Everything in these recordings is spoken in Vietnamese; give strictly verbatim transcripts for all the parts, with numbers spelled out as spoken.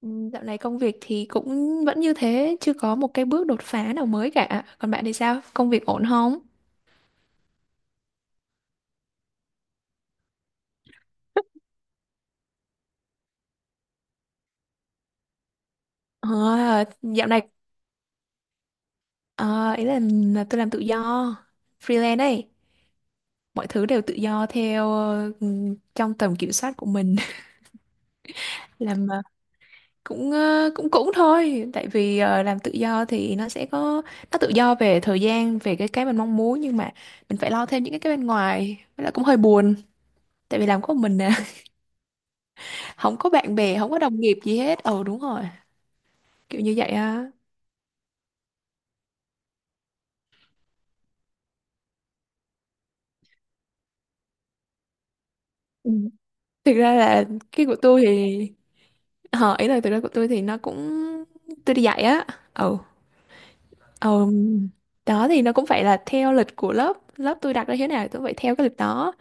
Ừm, Dạo này công việc thì cũng vẫn như thế, chưa có một cái bước đột phá nào mới cả. Còn bạn thì sao? Công việc ổn không? Ờ, dạo này, ờ, ý là, là tôi làm tự do, freelance ấy. Mọi thứ đều tự do theo, ờ, ừm, trong tầm kiểm soát của mình. Làm ờ, cũng, ờ, cũng cũng thôi, tại vì ờ, làm tự do thì nó sẽ có, nó tự do về thời gian, về cái cái mình mong muốn, nhưng mà mình phải lo thêm những cái cái bên ngoài, với lại cũng hơi buồn. Tại vì làm có một mình nè, không có bạn bè, không có đồng nghiệp gì hết. Ờ, đúng rồi. Kiểu như vậy á. Ừ. Thực ra là cái của tôi thì, ờ, ý là thực ra của tôi thì nó cũng, tôi đi dạy á. Ừ. Ừ. Đó thì nó cũng phải là theo lịch của lớp lớp tôi đặt ra, thế nào tôi phải theo cái lịch đó.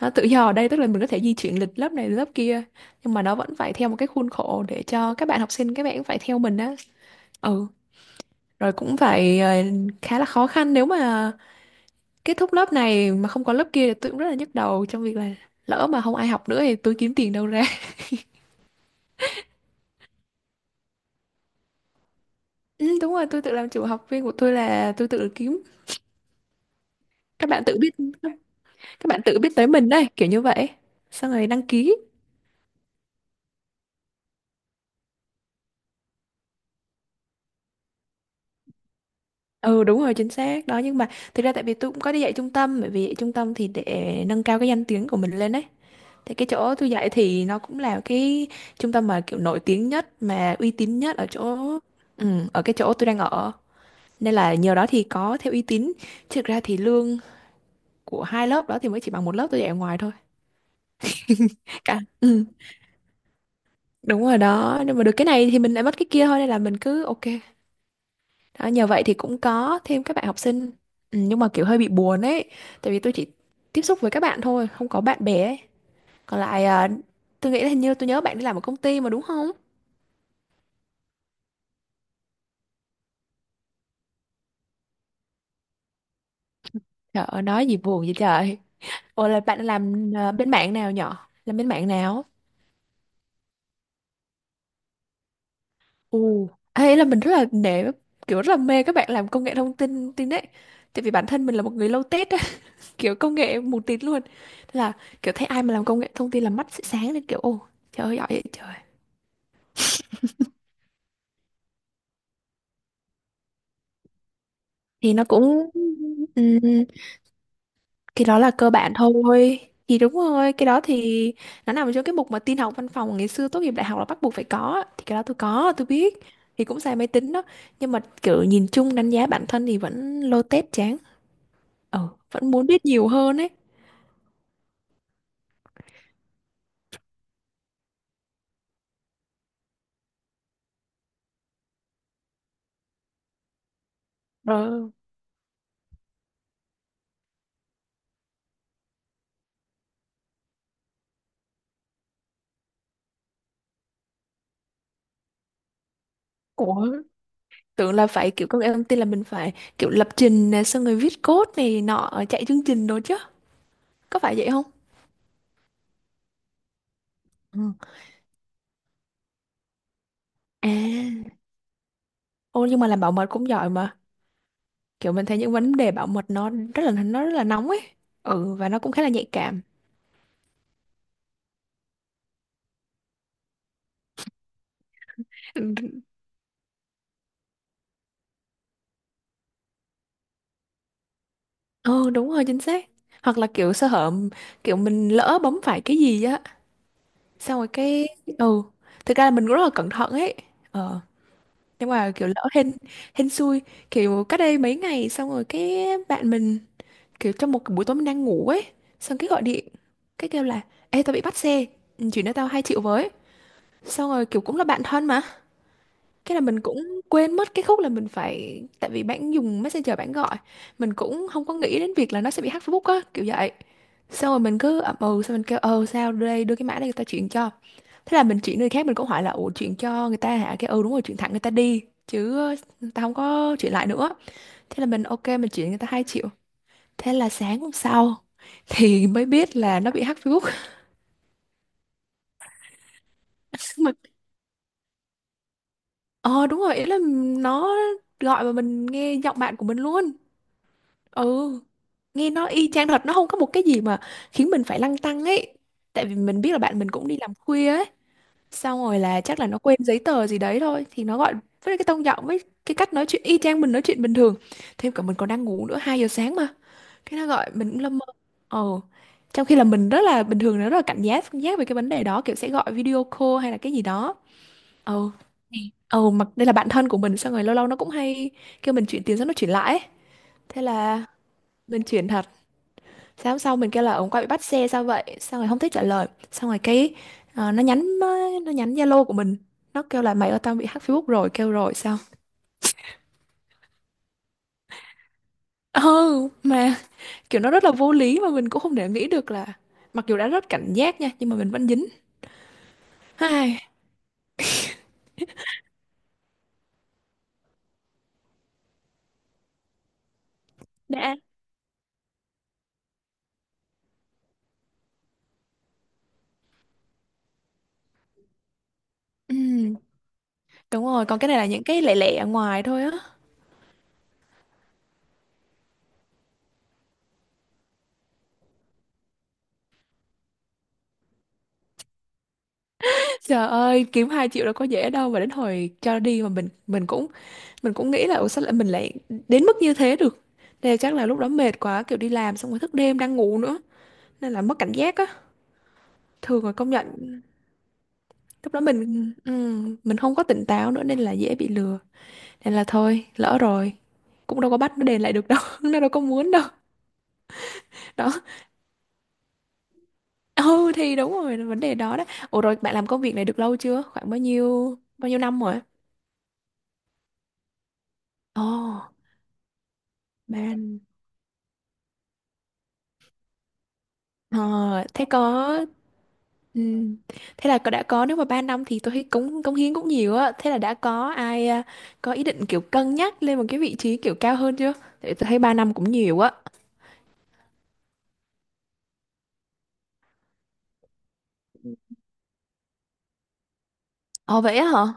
Nó tự do ở đây tức là mình có thể di chuyển lịch lớp này lớp kia, nhưng mà nó vẫn phải theo một cái khuôn khổ để cho các bạn học sinh, các bạn cũng phải theo mình á. Ừ. Rồi cũng phải, ờ, khá là khó khăn, nếu mà kết thúc lớp này mà không có lớp kia thì tôi cũng rất là nhức đầu trong việc là lỡ mà không ai học nữa thì tôi kiếm tiền đâu ra. Ừ, đúng rồi, tôi tự làm chủ, học viên của tôi là tôi tự kiếm. Các bạn tự biết, các bạn tự biết tới mình đây, kiểu như vậy. Xong rồi đăng ký. Ừ, đúng rồi, chính xác. Đó nhưng mà thực ra tại vì tôi cũng có đi dạy trung tâm, bởi vì dạy trung tâm thì để nâng cao cái danh tiếng của mình lên đấy. Thì cái chỗ tôi dạy thì nó cũng là cái trung tâm mà kiểu nổi tiếng nhất mà uy tín nhất ở chỗ ừ, ở cái chỗ tôi đang ở. Nên là nhờ đó thì có theo uy tín. Chứ thực ra thì lương của hai lớp đó thì mới chỉ bằng một lớp tôi dạy ở ngoài thôi. Cả. Ừ. Đúng rồi đó, nhưng mà được cái này thì mình lại mất cái kia thôi, nên là mình cứ ok. Đó, nhờ vậy thì cũng có thêm các bạn học sinh. Ừ, nhưng mà kiểu hơi bị buồn ấy, tại vì tôi chỉ tiếp xúc với các bạn thôi, không có bạn bè ấy. Còn lại, à, tôi nghĩ là hình như tôi nhớ bạn đi làm ở công ty mà, đúng không? Trời ơi nói gì buồn vậy trời. Ủa là bạn làm, à, bên mạng nào, nhỏ làm bên mạng nào? Ù. Ấy là mình rất là nể, kiểu rất là mê các bạn làm công nghệ thông tin tin đấy, tại vì bản thân mình là một người low tech, kiểu công nghệ mù tịt luôn. Thế là kiểu thấy ai mà làm công nghệ thông tin là mắt sẽ sáng lên, kiểu ô trời ơi giỏi vậy trời. Thì nó cũng, ừm, cái đó là cơ bản thôi. Thì đúng rồi, cái đó thì nó nằm trong cái mục mà tin học văn phòng ngày xưa tốt nghiệp đại học là bắt buộc phải có á. Thì cái đó tôi có, tôi biết, thì cũng xài máy tính đó, nhưng mà kiểu nhìn chung đánh giá bản thân thì vẫn lô tết chán. Ờ vẫn muốn biết nhiều hơn ấy. Ờ. Ủa, tưởng là phải kiểu công nghệ thông tin là mình phải kiểu lập trình này, xong rồi viết code này nọ, chạy chương trình đồ chứ, có phải vậy không? Ừ. À. Ô, nhưng mà làm bảo mật cũng giỏi mà, kiểu mình thấy những vấn đề bảo mật nó rất là, nó rất là nóng ấy. Ừ, và nó cũng khá là nhạy cảm. Ừ. Ừ, đúng rồi, chính xác. Hoặc là kiểu sơ hở, kiểu mình lỡ bấm phải cái gì á, xong rồi cái. Ừ. Thực ra là mình cũng rất là cẩn thận ấy. Ờ. Nhưng mà kiểu lỡ, hên hên xui, kiểu cách đây mấy ngày, xong rồi cái bạn mình, kiểu trong một cái buổi tối mình đang ngủ ấy, xong cái gọi điện, cái kêu là ê tao bị bắt xe, ừ, chuyển cho tao hai triệu với. Xong rồi kiểu cũng là bạn thân mà, cái là mình cũng quên mất cái khúc là mình phải, tại vì bạn dùng messenger bạn gọi, mình cũng không có nghĩ đến việc là nó sẽ bị hack Facebook á, kiểu vậy. Xong rồi mình cứ ậm ừ, xong mình kêu ờ sao đưa đây, đưa cái mã đây tao chuyển cho. Thế là mình chuyển người khác, mình cũng hỏi là ủa chuyển cho người ta hả, cái ừ đúng rồi chuyển thẳng người ta đi chứ, ờ, tao không có chuyển lại nữa. Thế là mình ok, mình chuyển người ta hai triệu. Thế là sáng hôm sau thì mới biết là nó bị hack Facebook. Mà ờ đúng rồi, ý là nó gọi mà mình nghe giọng bạn của mình luôn. Ừ, nghe nó y chang thật, nó không có một cái gì mà khiến mình phải lăn tăn ấy. Tại vì mình biết là bạn mình cũng đi làm khuya ấy. Xong rồi là chắc là nó quên giấy tờ gì đấy thôi thì nó gọi, với cái tông giọng với cái cách nói chuyện y chang mình nói chuyện bình thường, thêm cả mình còn đang ngủ nữa, hai giờ sáng mà, cái nó gọi mình cũng lâm mơ. Ờ. Trong khi là mình rất là bình thường, nó rất là cảnh giác cảnh giác về cái vấn đề đó, kiểu sẽ gọi video call hay là cái gì đó. Ờ. Thì ờ mặc đây là bạn thân của mình, xong rồi lâu lâu nó cũng hay kêu mình chuyển tiền, xong nó chuyển lại ấy. Thế là mình chuyển thật. Sáng hôm sau mình kêu là ông quay bị bắt xe sao vậy? Xong rồi không thích trả lời. Xong rồi cái, ờ, nó nhắn, nó nhắn Zalo của mình. Nó kêu là mày ơi tao bị hack Facebook rồi, kêu rồi sao? Ừ, mà kiểu nó rất là vô lý mà mình cũng không thể nghĩ được là mặc dù đã rất cảnh giác nha, nhưng mà mình vẫn dính. Ai, đã. Ừ, đúng rồi, còn cái này là những cái lẻ lẻ ở ngoài thôi á. Trời ơi, kiếm hai triệu đâu có dễ đâu, mà đến hồi cho đi mà mình mình cũng mình cũng nghĩ là ủa sao lại mình lại đến mức như thế được. Nên chắc là lúc đó mệt quá, kiểu đi làm xong rồi thức đêm đang ngủ nữa, nên là mất cảnh giác á. Thường là công nhận lúc đó mình ừm, mình không có tỉnh táo nữa nên là dễ bị lừa, nên là thôi lỡ rồi, cũng đâu có bắt nó đền lại được đâu. Nó đâu có muốn đâu. Đó. Ừ, thì đúng rồi là vấn đề đó đó. Ủa rồi bạn làm công việc này được lâu chưa, khoảng bao nhiêu bao nhiêu năm rồi? Ồ. Bạn, ờ, thế có ừm, thế là có- đã có, nếu mà ba năm thì tôi thấy cống cống hiến cũng nhiều á, thế là đã có ai, à, có ý định kiểu cân nhắc lên một cái vị trí kiểu cao hơn chưa? Tại tôi thấy ba năm cũng nhiều á. Ồ vậy á hả?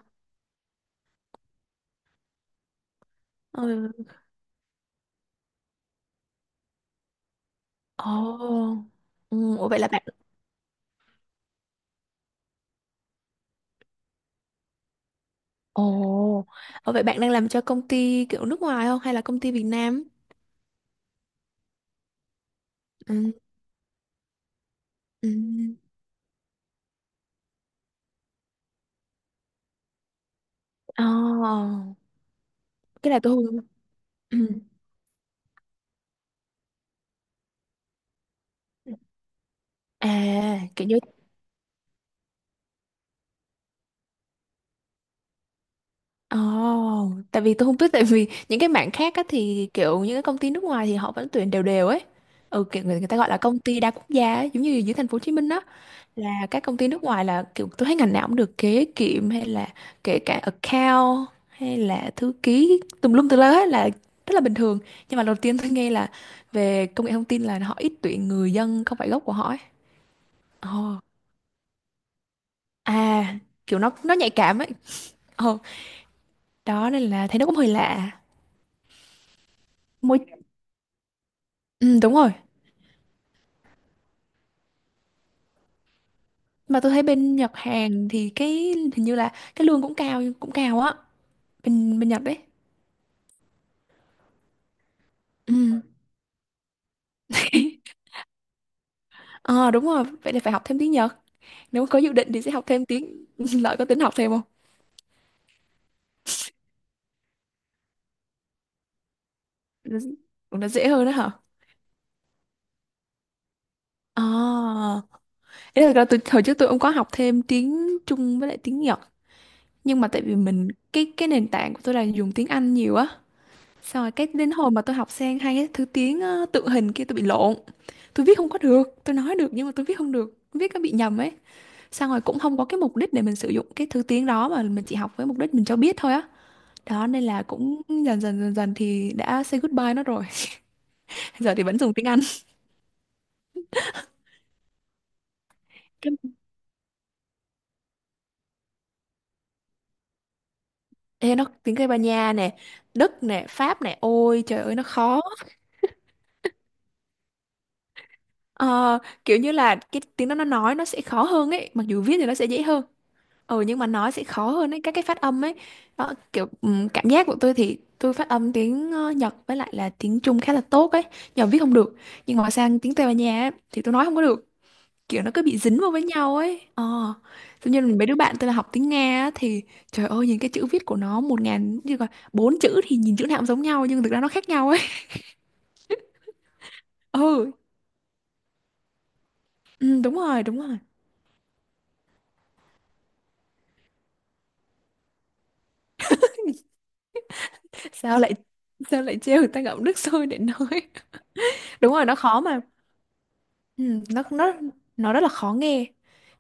Ừ. Ồ. Ừ, ủa vậy là bạn. Ồ. Ồ vậy bạn đang làm cho công ty kiểu nước ngoài không, hay là công ty Việt Nam? Ừ. Ừ. Ồ. Cái này tôi không ừ. À, kiểu như. Ồ, tại vì tôi không biết, tại vì những cái mảng khác á thì kiểu những cái công ty nước ngoài thì họ vẫn tuyển đều đều ấy. Ừ, kiểu người, người ta gọi là công ty đa quốc gia ấy, giống như dưới thành phố Hồ Chí Minh á. Là các công ty nước ngoài là kiểu tôi thấy ngành nào cũng được, kế kiệm hay là kể cả account hay là thư ký tùm lum tùm la hết, là rất là bình thường. Nhưng mà đầu tiên tôi nghe là về công nghệ thông tin là họ ít tuyển người dân không phải gốc của họ ấy. Ồ. À kiểu nó nó nhạy cảm ấy. Ồ. Đó nên là thấy nó cũng hơi lạ. Môi. Ừ, đúng rồi. Mà tôi thấy bên Nhật Hàn thì cái hình như là cái lương cũng cao cũng cao á, bên bên Nhật đấy. Ừ. Ờ đúng rồi, vậy thì phải học thêm tiếng Nhật. Nếu mà có dự định thì sẽ học thêm tiếng lợi, có tính học thêm không? Nó- Cũng nó dễ hơn đó hả? À, thế thật ra tôi hồi trước tôi cũng có học thêm tiếng Trung với lại tiếng Nhật, nhưng mà tại vì mình cái cái nền tảng của tôi là dùng tiếng Anh nhiều á, xong rồi cái đến hồi mà tôi học sang hai cái thứ tiếng, ờ, tượng hình kia tôi bị lộn, tôi viết không có được, tôi nói được nhưng mà tôi viết không được, viết nó bị nhầm ấy. Xong rồi cũng không có cái mục đích để mình sử dụng cái thứ tiếng đó, mà mình chỉ học với mục đích mình cho biết thôi á. Đó nên là cũng dần dần dần dần thì đã say goodbye nó rồi. Giờ thì vẫn dùng tiếng Anh. Cái ê nó tiếng Tây Ban Nha nè, Đức nè, Pháp nè, ôi trời ơi nó khó. Ờ, kiểu như là cái tiếng đó nó nói nó sẽ khó hơn ấy, mặc dù viết thì nó sẽ dễ hơn. Ừ, nhưng mà nói sẽ khó hơn ấy, các cái phát âm ấy. Đó, kiểu, ừm, cảm giác của tôi thì tôi phát âm tiếng, ờ, Nhật với lại là tiếng Trung khá là tốt ấy, nhờ viết không được. Nhưng mà sang tiếng Tây Ban Nha ấy, thì tôi nói không có được, kiểu nó cứ bị dính vào với nhau ấy. Ờ. Tự nhiên mấy đứa bạn tôi là học tiếng Nga á, thì trời ơi nhìn cái chữ viết của nó một ngàn như là bốn chữ, thì nhìn chữ nào cũng giống nhau nhưng thực ra nó khác nhau ấy. Ừ, ừ đúng rồi đúng rồi. sao lại sao lại trêu người ta ngậm nước sôi để nói. Đúng rồi nó khó mà. Ừ, nó nó nó rất là khó nghe,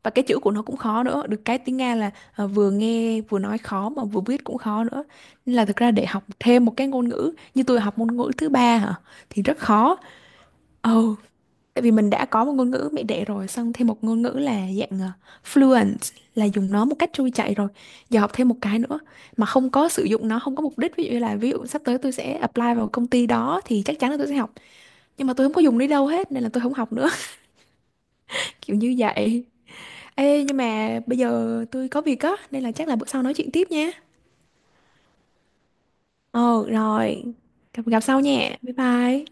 và cái chữ của nó cũng khó nữa, được cái tiếng Nga là, ờ, vừa nghe vừa nói khó mà vừa viết cũng khó nữa, nên là thực ra để học thêm một cái ngôn ngữ, như tôi học ngôn ngữ thứ ba hả, thì rất khó. Ừ. Tại vì mình đã có một ngôn ngữ mẹ đẻ rồi, xong thêm một ngôn ngữ là dạng, ờ, fluent, là dùng nó một cách trôi chảy rồi. Giờ học thêm một cái nữa mà không có sử dụng nó, không có mục đích. Ví dụ như là ví dụ sắp tới tôi sẽ apply vào công ty đó thì chắc chắn là tôi sẽ học. Nhưng mà tôi không có dùng đi đâu hết nên là tôi không học nữa. Kiểu như vậy. Ê nhưng mà bây giờ tôi có việc á, nên là chắc là bữa sau nói chuyện tiếp nha. Ờ rồi. Gặp, gặp sau nha. Bye bye.